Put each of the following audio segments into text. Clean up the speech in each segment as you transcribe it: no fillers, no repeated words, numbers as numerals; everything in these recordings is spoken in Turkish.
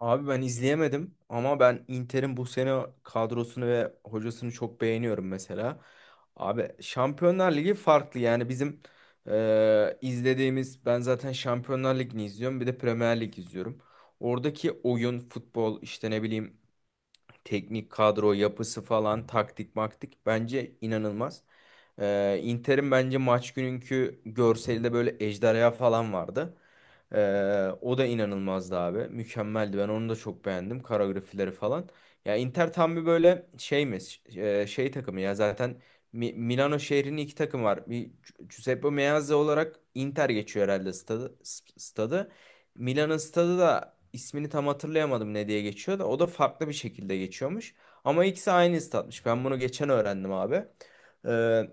Abi ben izleyemedim ama ben Inter'in bu sene kadrosunu ve hocasını çok beğeniyorum mesela. Abi Şampiyonlar Ligi farklı, yani bizim izlediğimiz, ben zaten Şampiyonlar Ligi'ni izliyorum, bir de Premier Lig izliyorum. Oradaki oyun, futbol, işte ne bileyim, teknik kadro yapısı falan, taktik maktik bence inanılmaz. Inter'in bence maç gününkü görselde böyle ejderha falan vardı. Ee, O da inanılmazdı abi. Mükemmeldi. Ben onu da çok beğendim. Koreografileri falan. Ya Inter tam bir böyle şey mi? Şey takımı ya zaten. Milano şehrinin iki takım var. Bir Giuseppe Meazza olarak Inter geçiyor herhalde stadı. Stadı. Milan'ın stadı da, ismini tam hatırlayamadım ne diye geçiyor da, o da farklı bir şekilde geçiyormuş. Ama ikisi aynı statmış. Ben bunu geçen öğrendim abi. Ee,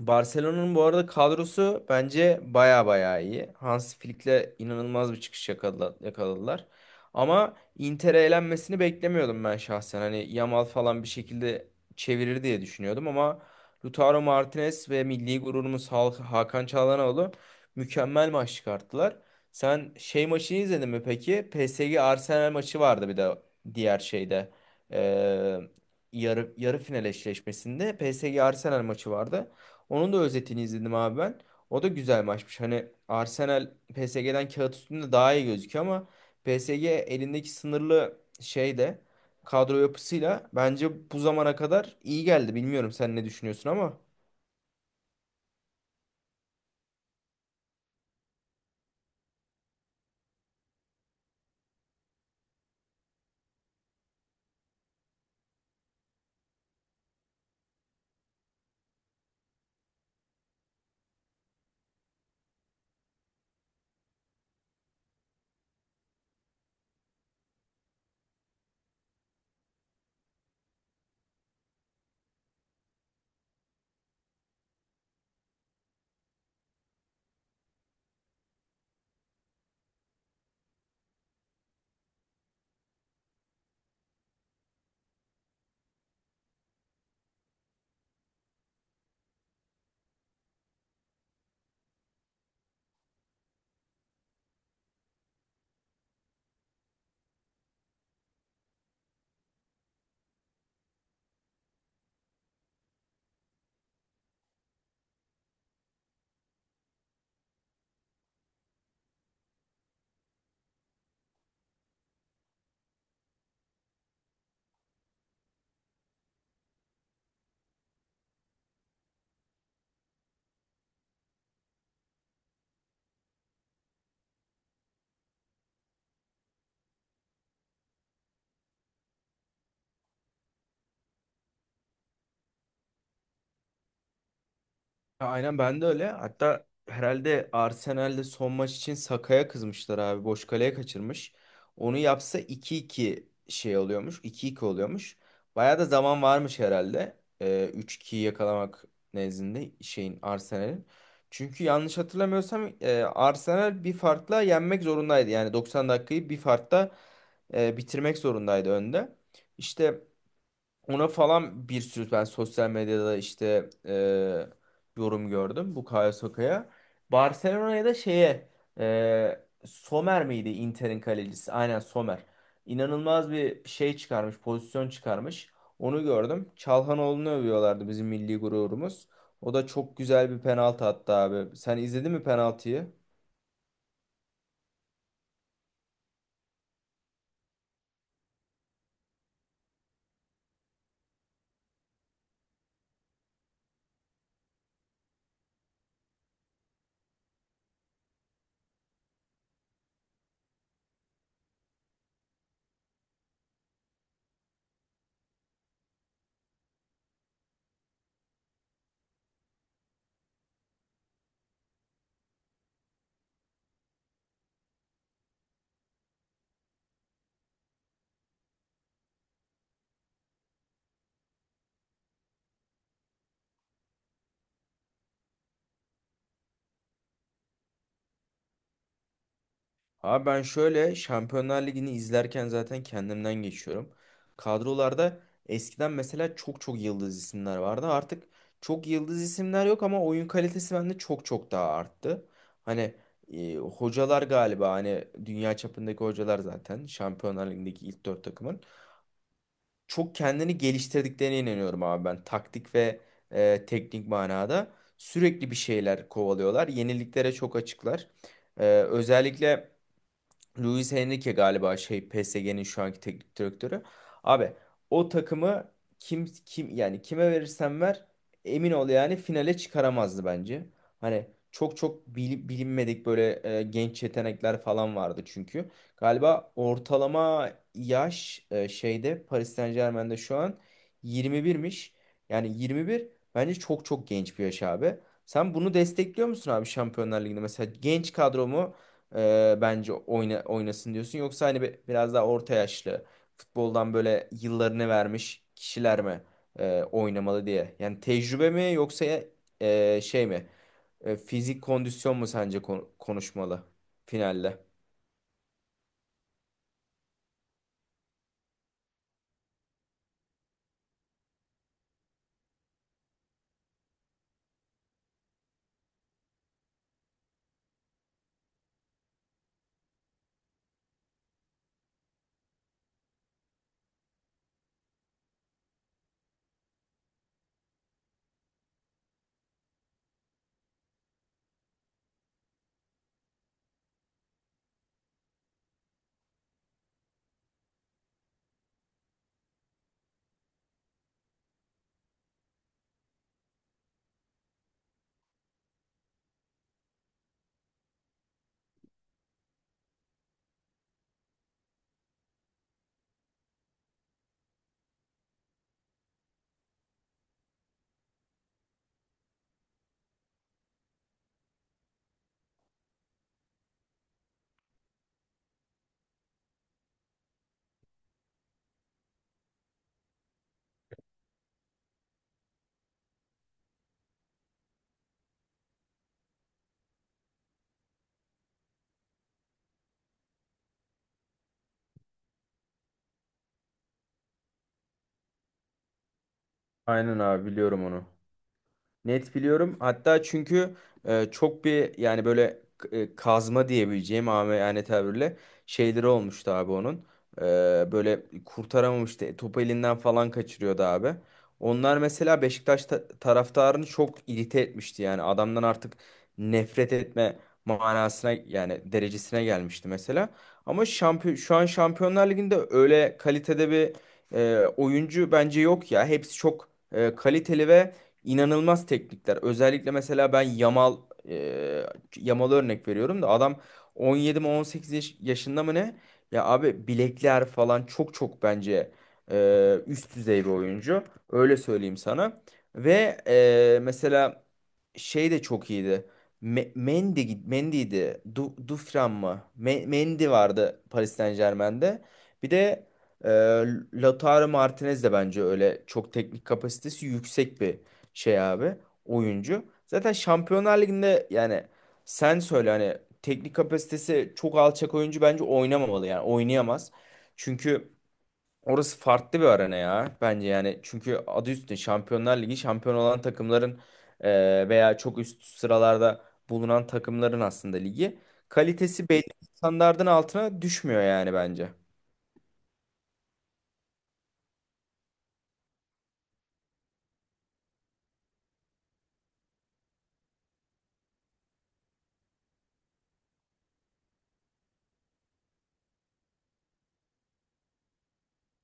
Barcelona'nın bu arada kadrosu bence baya baya iyi. Hans Flick'le inanılmaz bir çıkış yakaladılar. Ama Inter'e elenmesini beklemiyordum ben şahsen. Hani Yamal falan bir şekilde çevirir diye düşünüyordum ama Lautaro Martinez ve milli gururumuz Hakan Çalhanoğlu mükemmel maç çıkarttılar. Sen şey maçını izledin mi peki? PSG Arsenal maçı vardı bir de diğer şeyde. Ee, yarı final eşleşmesinde PSG Arsenal maçı vardı. Onun da özetini izledim abi ben. O da güzel maçmış. Hani Arsenal PSG'den kağıt üstünde daha iyi gözüküyor ama PSG elindeki sınırlı şeyde kadro yapısıyla bence bu zamana kadar iyi geldi. Bilmiyorum sen ne düşünüyorsun ama. Ya aynen, ben de öyle. Hatta herhalde Arsenal'de son maç için Saka'ya kızmışlar abi. Boş kaleye kaçırmış. Onu yapsa iki iki şey oluyormuş. İki iki oluyormuş. Bayağı da zaman varmış herhalde. 3-2'yi yakalamak nezdinde şeyin, Arsenal'in. Çünkü yanlış hatırlamıyorsam Arsenal bir farkla yenmek zorundaydı. Yani 90 dakikayı bir farkla bitirmek zorundaydı önde. İşte ona falan bir sürü ben sosyal medyada işte yorum gördüm bu Bukayo Saka'ya. Barcelona'ya da şeye, Sommer miydi Inter'in kalecisi? Aynen, Sommer. İnanılmaz bir şey çıkarmış, pozisyon çıkarmış. Onu gördüm. Çalhanoğlu'nu övüyorlardı, bizim milli gururumuz. O da çok güzel bir penaltı attı abi. Sen izledin mi penaltıyı? Abi ben şöyle, Şampiyonlar Ligi'ni izlerken zaten kendimden geçiyorum. Kadrolarda eskiden mesela çok çok yıldız isimler vardı. Artık çok yıldız isimler yok ama oyun kalitesi bende çok çok daha arttı. Hani hocalar galiba, hani dünya çapındaki hocalar zaten Şampiyonlar Ligi'ndeki ilk dört takımın, çok kendini geliştirdiklerine inanıyorum abi ben. Taktik ve teknik manada sürekli bir şeyler kovalıyorlar. Yeniliklere çok açıklar. Özellikle Luis Enrique galiba şey, PSG'nin şu anki teknik direktörü. Abi o takımı kim yani, kime verirsen ver, emin ol yani finale çıkaramazdı bence. Hani çok çok bilinmedik böyle genç yetenekler falan vardı çünkü. Galiba ortalama yaş şeyde, Paris Saint-Germain'de şu an 21'miş. Yani 21 bence çok çok genç bir yaş abi. Sen bunu destekliyor musun abi Şampiyonlar Ligi'nde? Mesela genç kadromu, bence oynasın diyorsun. Yoksa hani biraz daha orta yaşlı, futboldan böyle yıllarını vermiş kişiler mi oynamalı diye. Yani tecrübe mi, yoksa şey mi? Fizik kondisyon mu sence konuşmalı finalde? Aynen abi, biliyorum onu. Net biliyorum. Hatta çünkü çok bir yani böyle kazma diyebileceğim ama, yani tabirle, şeyleri olmuştu abi onun. E, böyle kurtaramamıştı. Topu elinden falan kaçırıyordu abi. Onlar mesela Beşiktaş taraftarını çok irite etmişti. Yani adamdan artık nefret etme manasına, yani derecesine gelmişti mesela. Ama şampiyon şu an Şampiyonlar Ligi'nde öyle kalitede bir oyuncu bence yok ya. Hepsi çok kaliteli ve inanılmaz teknikler. Özellikle mesela ben e, Yamal'a örnek veriyorum da, adam 17 mi 18 yaşında mı ne? Ya abi bilekler falan çok çok bence üst düzey bir oyuncu. Öyle söyleyeyim sana. Ve mesela şey de çok iyiydi. Mendy'di. Dufran mı? Mendy vardı Paris Saint-Germain'de. Bir de e, Lautaro Martinez de bence öyle çok teknik kapasitesi yüksek bir şey abi, oyuncu. Zaten Şampiyonlar Ligi'nde, yani sen söyle, hani teknik kapasitesi çok alçak oyuncu bence oynamamalı, yani oynayamaz. Çünkü orası farklı bir arena ya bence, yani çünkü adı üstünde Şampiyonlar Ligi, şampiyon olan takımların veya çok üst sıralarda bulunan takımların aslında ligi, kalitesi belli standardın altına düşmüyor yani bence.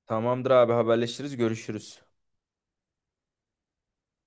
Tamamdır abi, haberleşiriz, görüşürüz.